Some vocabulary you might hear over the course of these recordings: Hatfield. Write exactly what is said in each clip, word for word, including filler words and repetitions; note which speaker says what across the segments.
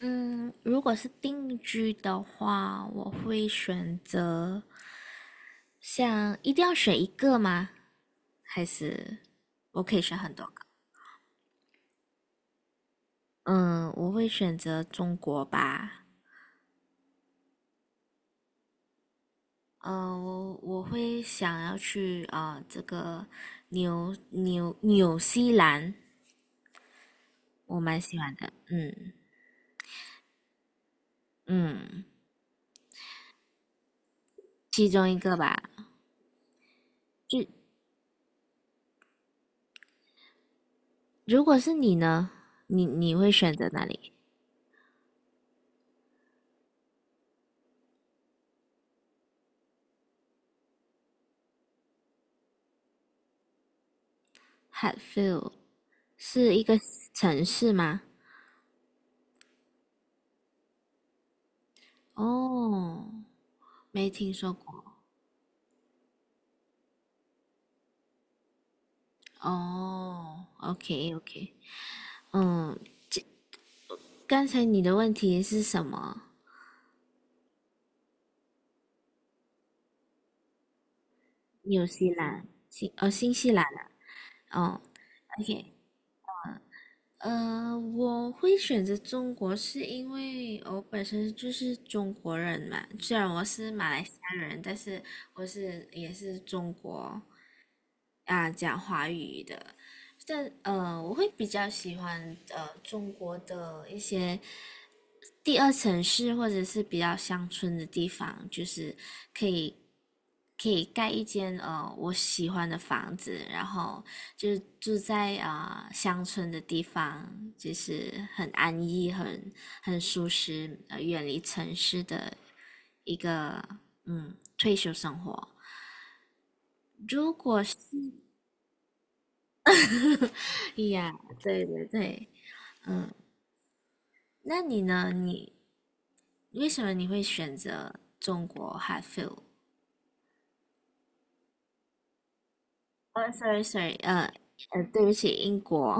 Speaker 1: 嗯，如果是定居的话，我会选择，像一定要选一个吗？还是我可以选很多个？嗯，我会选择中国吧。嗯，我我会想要去啊、呃这个纽纽纽西兰，我蛮喜欢的。嗯嗯，其中一个吧。就如果是你呢，你你会选择哪里？Hatfield 是一个城市吗？哦，没听说过。哦，OK OK，嗯，刚才你的问题是什么？纽西兰，新哦，新西兰啊。哦，OK，呃，我会选择中国是因为我本身就是中国人嘛，虽然我是马来西亚人，但是我是也是中国啊，讲华语的。但呃，我会比较喜欢呃中国的一些第二城市或者是比较乡村的地方，就是可以可以盖一间呃我喜欢的房子，然后就是住在啊、呃乡村的地方，就是很安逸、很很舒适，呃，远离城市的一个嗯退休生活。呀，对对对，那你呢？你为什么你会选择中国 Hatfield？哦，sorry sorry，呃呃，对不起，英国。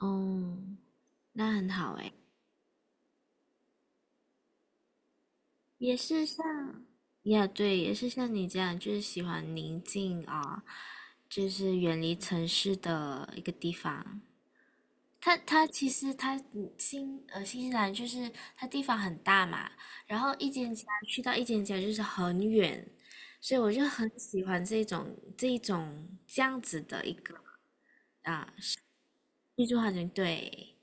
Speaker 1: 哦，那很好诶，也是像，呀，对，也是像你这样，就是喜欢宁静啊，就是远离城市的一个地方。它它其实它嗯新呃新西兰就是它地方很大嘛，然后一间家去到一间家就是很远，所以我就很喜欢这种这一种这样子的一个居住环境。对，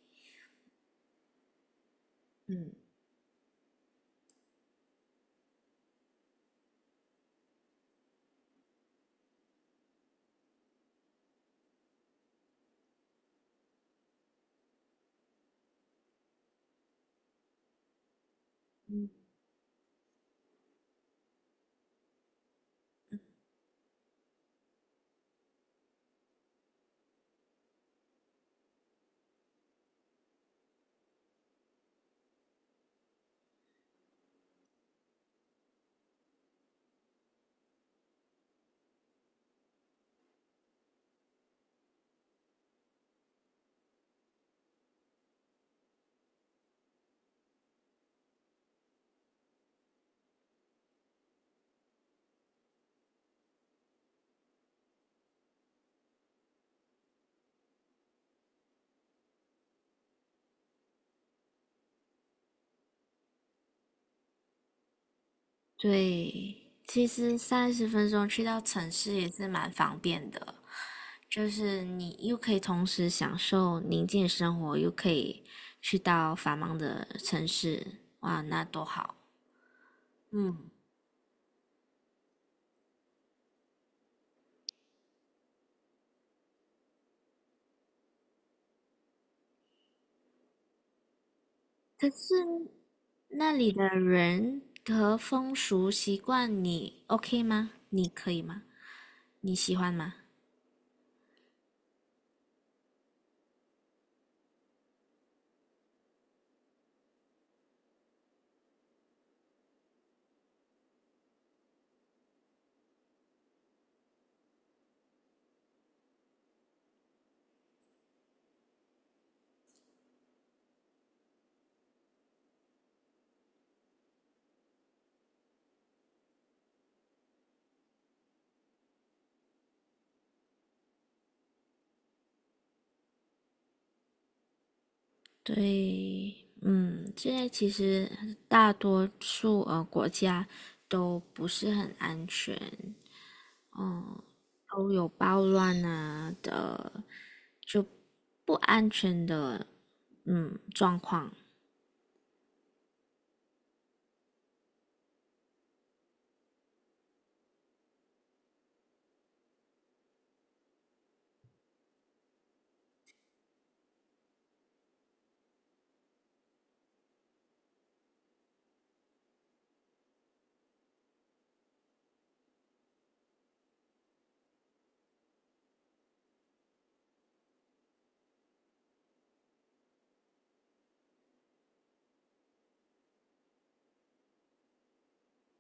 Speaker 1: 嗯，对，其实三十分钟去到城市也是蛮方便的，就是你又可以同时享受宁静的生活，又可以去到繁忙的城市，哇，那多好！嗯，可是那里的人和风俗习惯你 OK 吗？你可以吗？你喜欢吗？对，嗯，现在其实大多数呃国家都不是很安全，嗯，都有暴乱啊的，就不安全的，嗯，状况，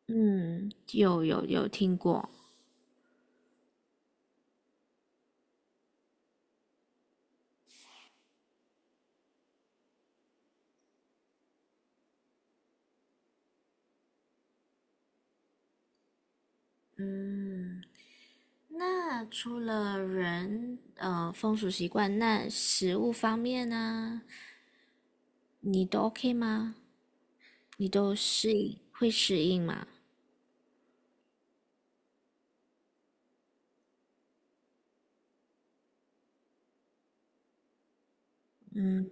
Speaker 1: 嗯，有有有听过，嗯，那除了人，呃，风俗习惯，那食物方面呢，你都 OK 吗？你都适应，会适应吗？嗯，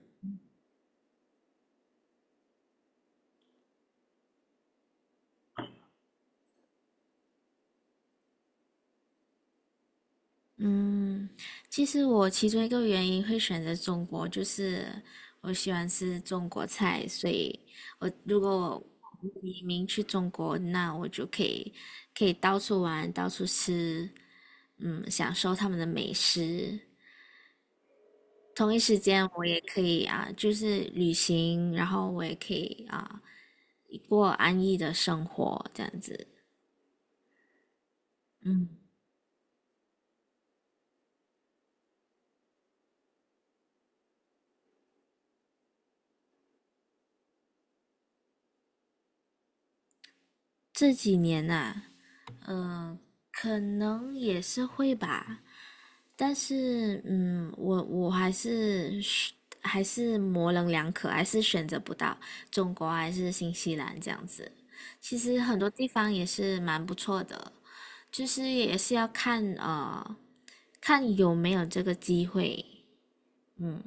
Speaker 1: 嗯，其实我其中一个原因会选择中国，就是我喜欢吃中国菜，所以我如果我移民去中国，那我就可以可以到处玩，到处吃，嗯，享受他们的美食。同一时间，我也可以啊，就是旅行，然后我也可以啊，过安逸的生活，这样子。嗯，这几年呐，可能也是会吧。但是，嗯，我我还是还是模棱两可，还是选择不到中国还是新西兰这样子。其实很多地方也是蛮不错的，就是也是要看呃看有没有这个机会。嗯，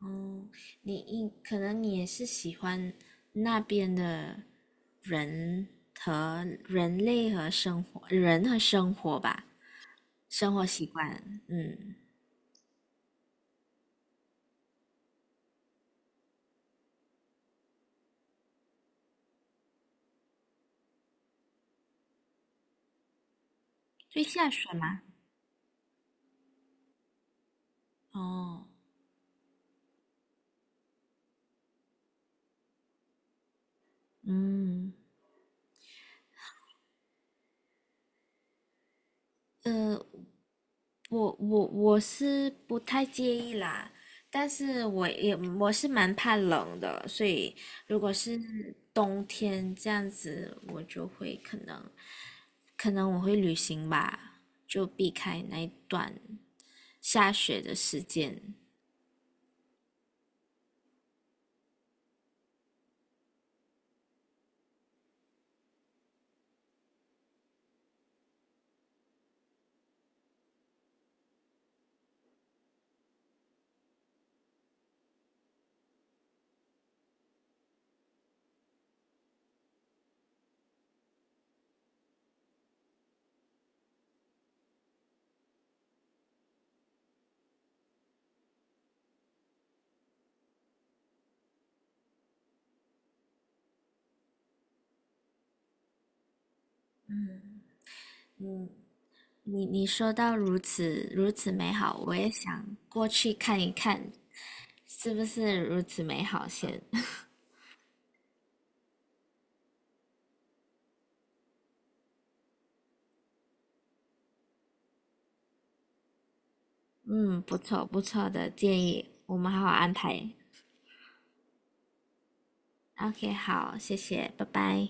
Speaker 1: 哦，你你可能你也是喜欢那边的人和人类和生活，人和生活吧，生活习惯。嗯，会下雪吗？哦。嗯，呃，我我我是不太介意啦，但是我也我是蛮怕冷的，所以如果是冬天这样子，我就会可能可能我会旅行吧，就避开那一段下雪的时间。嗯，你你说到如此如此美好，我也想过去看一看，是不是如此美好先？嗯，不错不错的建议，我们好好安排。OK，好，谢谢，拜拜。